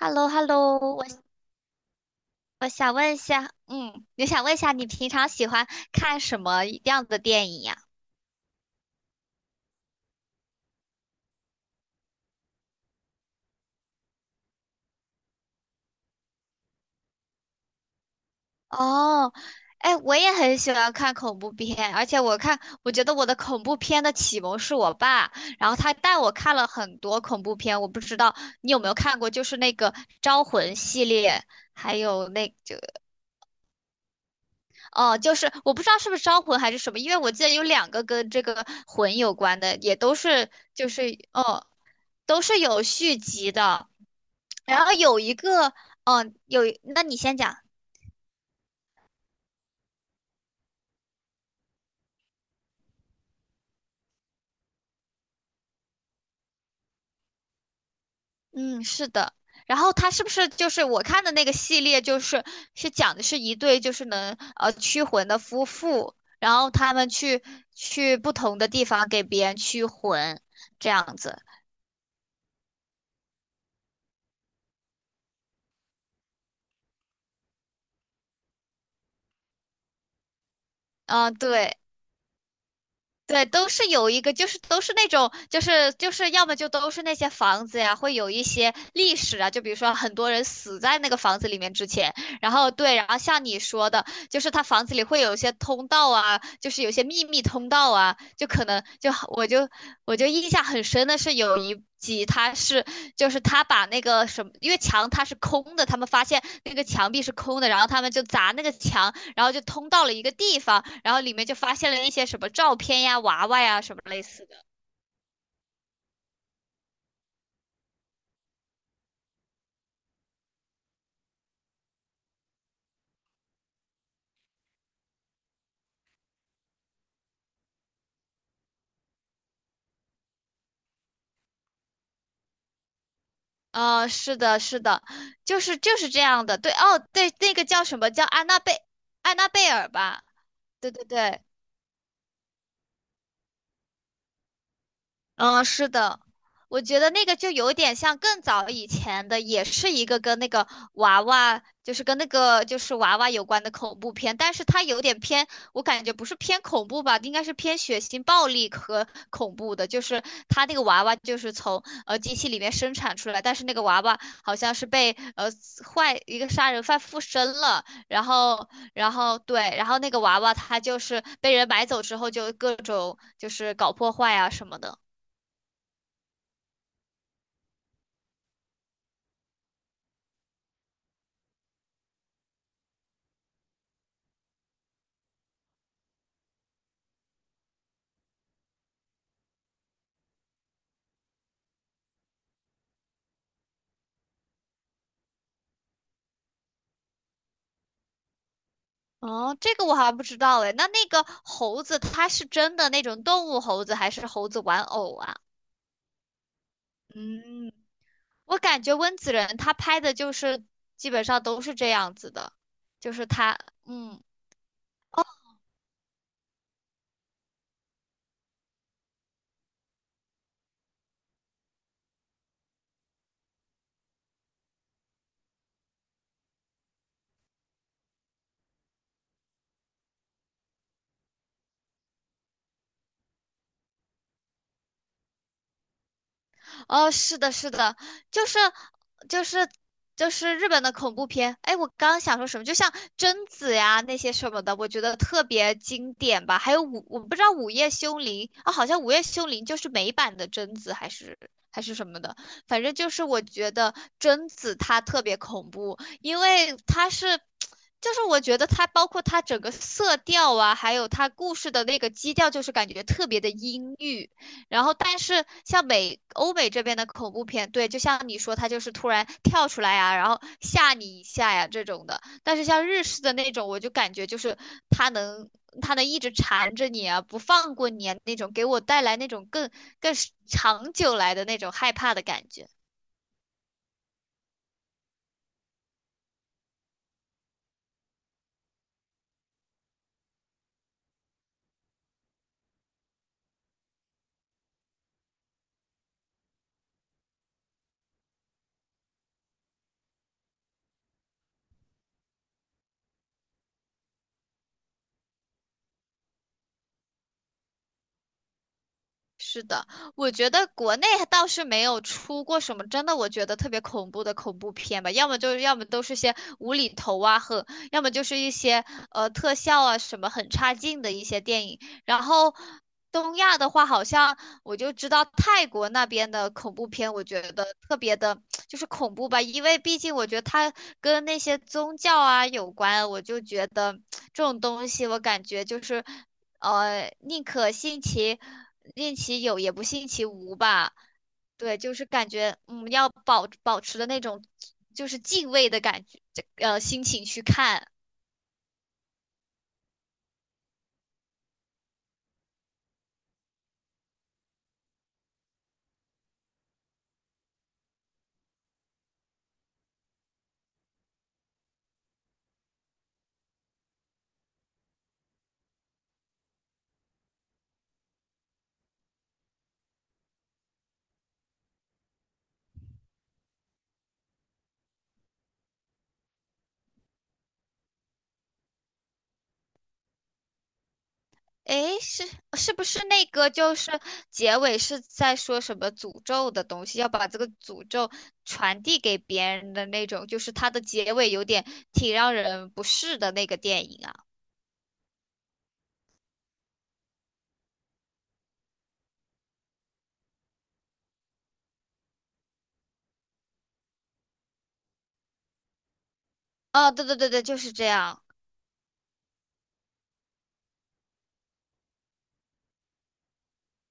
h e l l o h e l l o 我想问一下，我想问一下，你平常喜欢看什么样的电影呀？哦，哎，我也很喜欢看恐怖片，而且我觉得我的恐怖片的启蒙是我爸，然后他带我看了很多恐怖片。我不知道你有没有看过，就是那个《招魂》系列，还有那个。哦，就是我不知道是不是招魂还是什么，因为我记得有两个跟这个魂有关的，也都是哦，都是有续集的。然后有一个，那你先讲。嗯，是的。然后它是不是就是我看的那个系列，就是是讲的是一对就是能驱魂的夫妇，然后他们去不同的地方给别人驱魂，这样子。嗯、对。对，都是有一个，就是都是那种，就是要么就都是那些房子呀，会有一些历史啊，就比如说很多人死在那个房子里面之前，然后对，然后像你说的，就是他房子里会有一些通道啊，就是有些秘密通道啊，就可能就我就我就印象很深的是有一集就是他把那个什么，因为墙它是空的，他们发现那个墙壁是空的，然后他们就砸那个墙，然后就通到了一个地方，然后里面就发现了一些什么照片呀、娃娃呀什么类似的。是的，就是这样的。对，哦，对，那个叫什么叫安娜贝尔吧？对对对。嗯，是的，我觉得那个就有点像更早以前的，也是一个跟那个娃娃，就是跟那个就是娃娃有关的恐怖片，但是它有点偏，我感觉不是偏恐怖吧，应该是偏血腥、暴力和恐怖的。就是它那个娃娃就是从机器里面生产出来，但是那个娃娃好像是被一个杀人犯附身了，然后然后对，然后那个娃娃他就是被人买走之后就各种就是搞破坏啊什么的。哦，这个我好像不知道哎。那那个猴子，它是真的那种动物猴子，还是猴子玩偶啊？嗯，我感觉温子仁他拍的就是基本上都是这样子的，就是他，嗯。哦，是的，就是就是就是日本的恐怖片。哎，我刚刚想说什么，就像贞子呀那些什么的，我觉得特别经典吧。还有我不知道午夜凶铃啊，好像午夜凶铃就是美版的贞子，还是什么的。反正就是我觉得贞子她特别恐怖，因为她是。就是我觉得它包括她整个色调啊，还有她故事的那个基调，就是感觉特别的阴郁。然后，但是像欧美这边的恐怖片，对，就像你说，他就是突然跳出来呀、然后吓你一下呀这种的。但是像日式的那种，我就感觉就是他能他能一直缠着你啊，不放过你啊那种，给我带来那种更长久来的那种害怕的感觉。是的，我觉得国内倒是没有出过什么真的我觉得特别恐怖的恐怖片吧，要么都是些无厘头啊，和要么就是一些特效啊什么很差劲的一些电影。然后东亚的话，好像我就知道泰国那边的恐怖片，我觉得特别的恐怖吧，因为毕竟我觉得它跟那些宗教啊有关，我就觉得这种东西我感觉就是。呃，宁可信其有，也不信其无吧。对，就是感觉嗯，要保持的那种就是敬畏的感觉，呃心情去看。诶，是不是那个就是结尾是在说什么诅咒的东西，要把这个诅咒传递给别人的那种，就是它的结尾有点挺让人不适的那个电影啊。哦，对对对对，就是这样。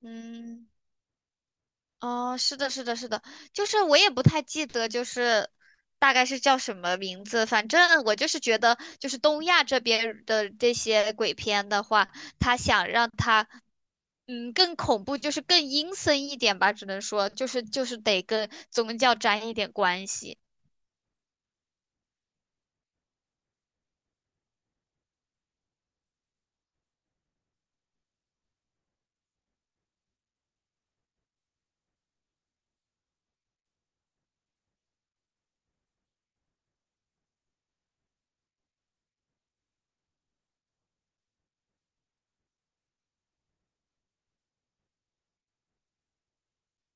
嗯。哦，是的，是的，是的，就是我也不太记得，就是大概是叫什么名字。反正我就是觉得，就是东亚这边的这些鬼片的话，他想让它嗯更恐怖，就是更阴森一点吧，只能说就是得跟宗教沾一点关系。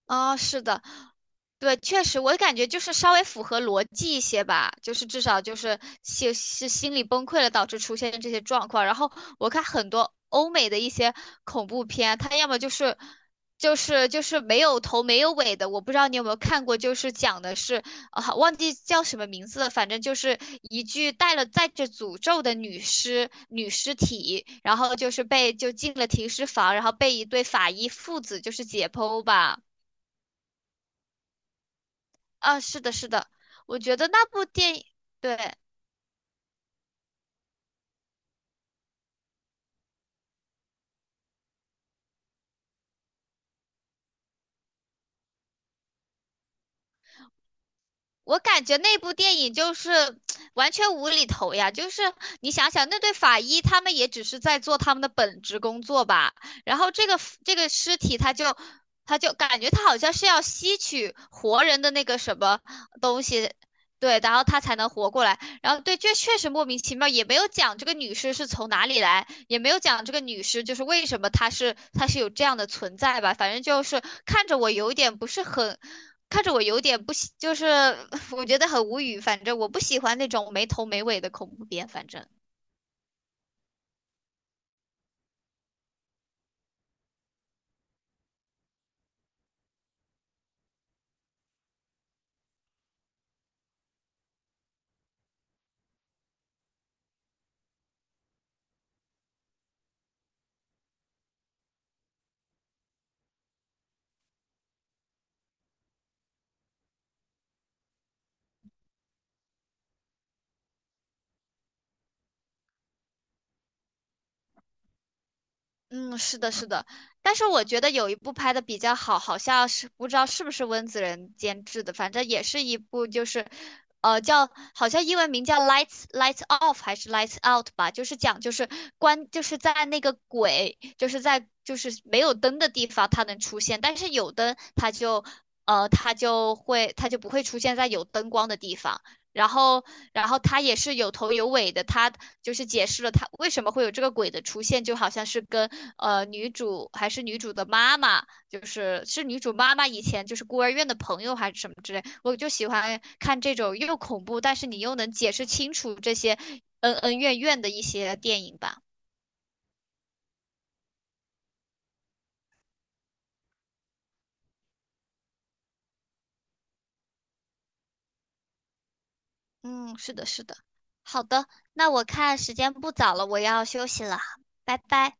啊，是的，对，确实，我感觉就是稍微符合逻辑一些吧，就是至少就是心理崩溃了导致出现这些状况。然后我看很多欧美的一些恐怖片，它要么就是没有头没有尾的，我不知道你有没有看过，就是讲的是啊忘记叫什么名字了，反正就是一具带着诅咒的女尸体，然后就是被就进了停尸房，然后被一对法医父子就是解剖吧。啊，是的，是的，我觉得那部电影，对，我感觉那部电影就是 完全无厘头呀，就是你想想，那对法医他们也只是在做他们的本职工作吧，然后这个尸体他就感觉他好像是要吸取活人的那个什么东西，对，然后他才能活过来，然后对，这确实莫名其妙，也没有讲这个女尸是从哪里来，也没有讲这个女尸就是为什么她是有这样的存在吧，反正就是看着我有一点不是很。看着我有点不喜，就是 我觉得很无语。反正我不喜欢那种没头没尾的恐怖片。反正，嗯，是的，是的。但是我觉得有一部拍的比较好，好像是不知道是不是温子仁监制的，反正也是一部就是，呃，叫好像英文名叫《Lights Off》还是《Lights Out》吧，就是在那个鬼就是在就是没有灯的地方它能出现，但是有灯它就。呃，它就会，它就不会出现在有灯光的地方。然后，然后他也是有头有尾的，他就是解释了他为什么会有这个鬼的出现，就好像是跟呃女主还是女主的妈妈，是女主妈妈以前就是孤儿院的朋友还是什么之类，我就喜欢看这种又恐怖，但是你又能解释清楚这些恩恩怨怨的一些电影吧。嗯，是的，是的。好的，那我看时间不早了，我要休息了，拜拜。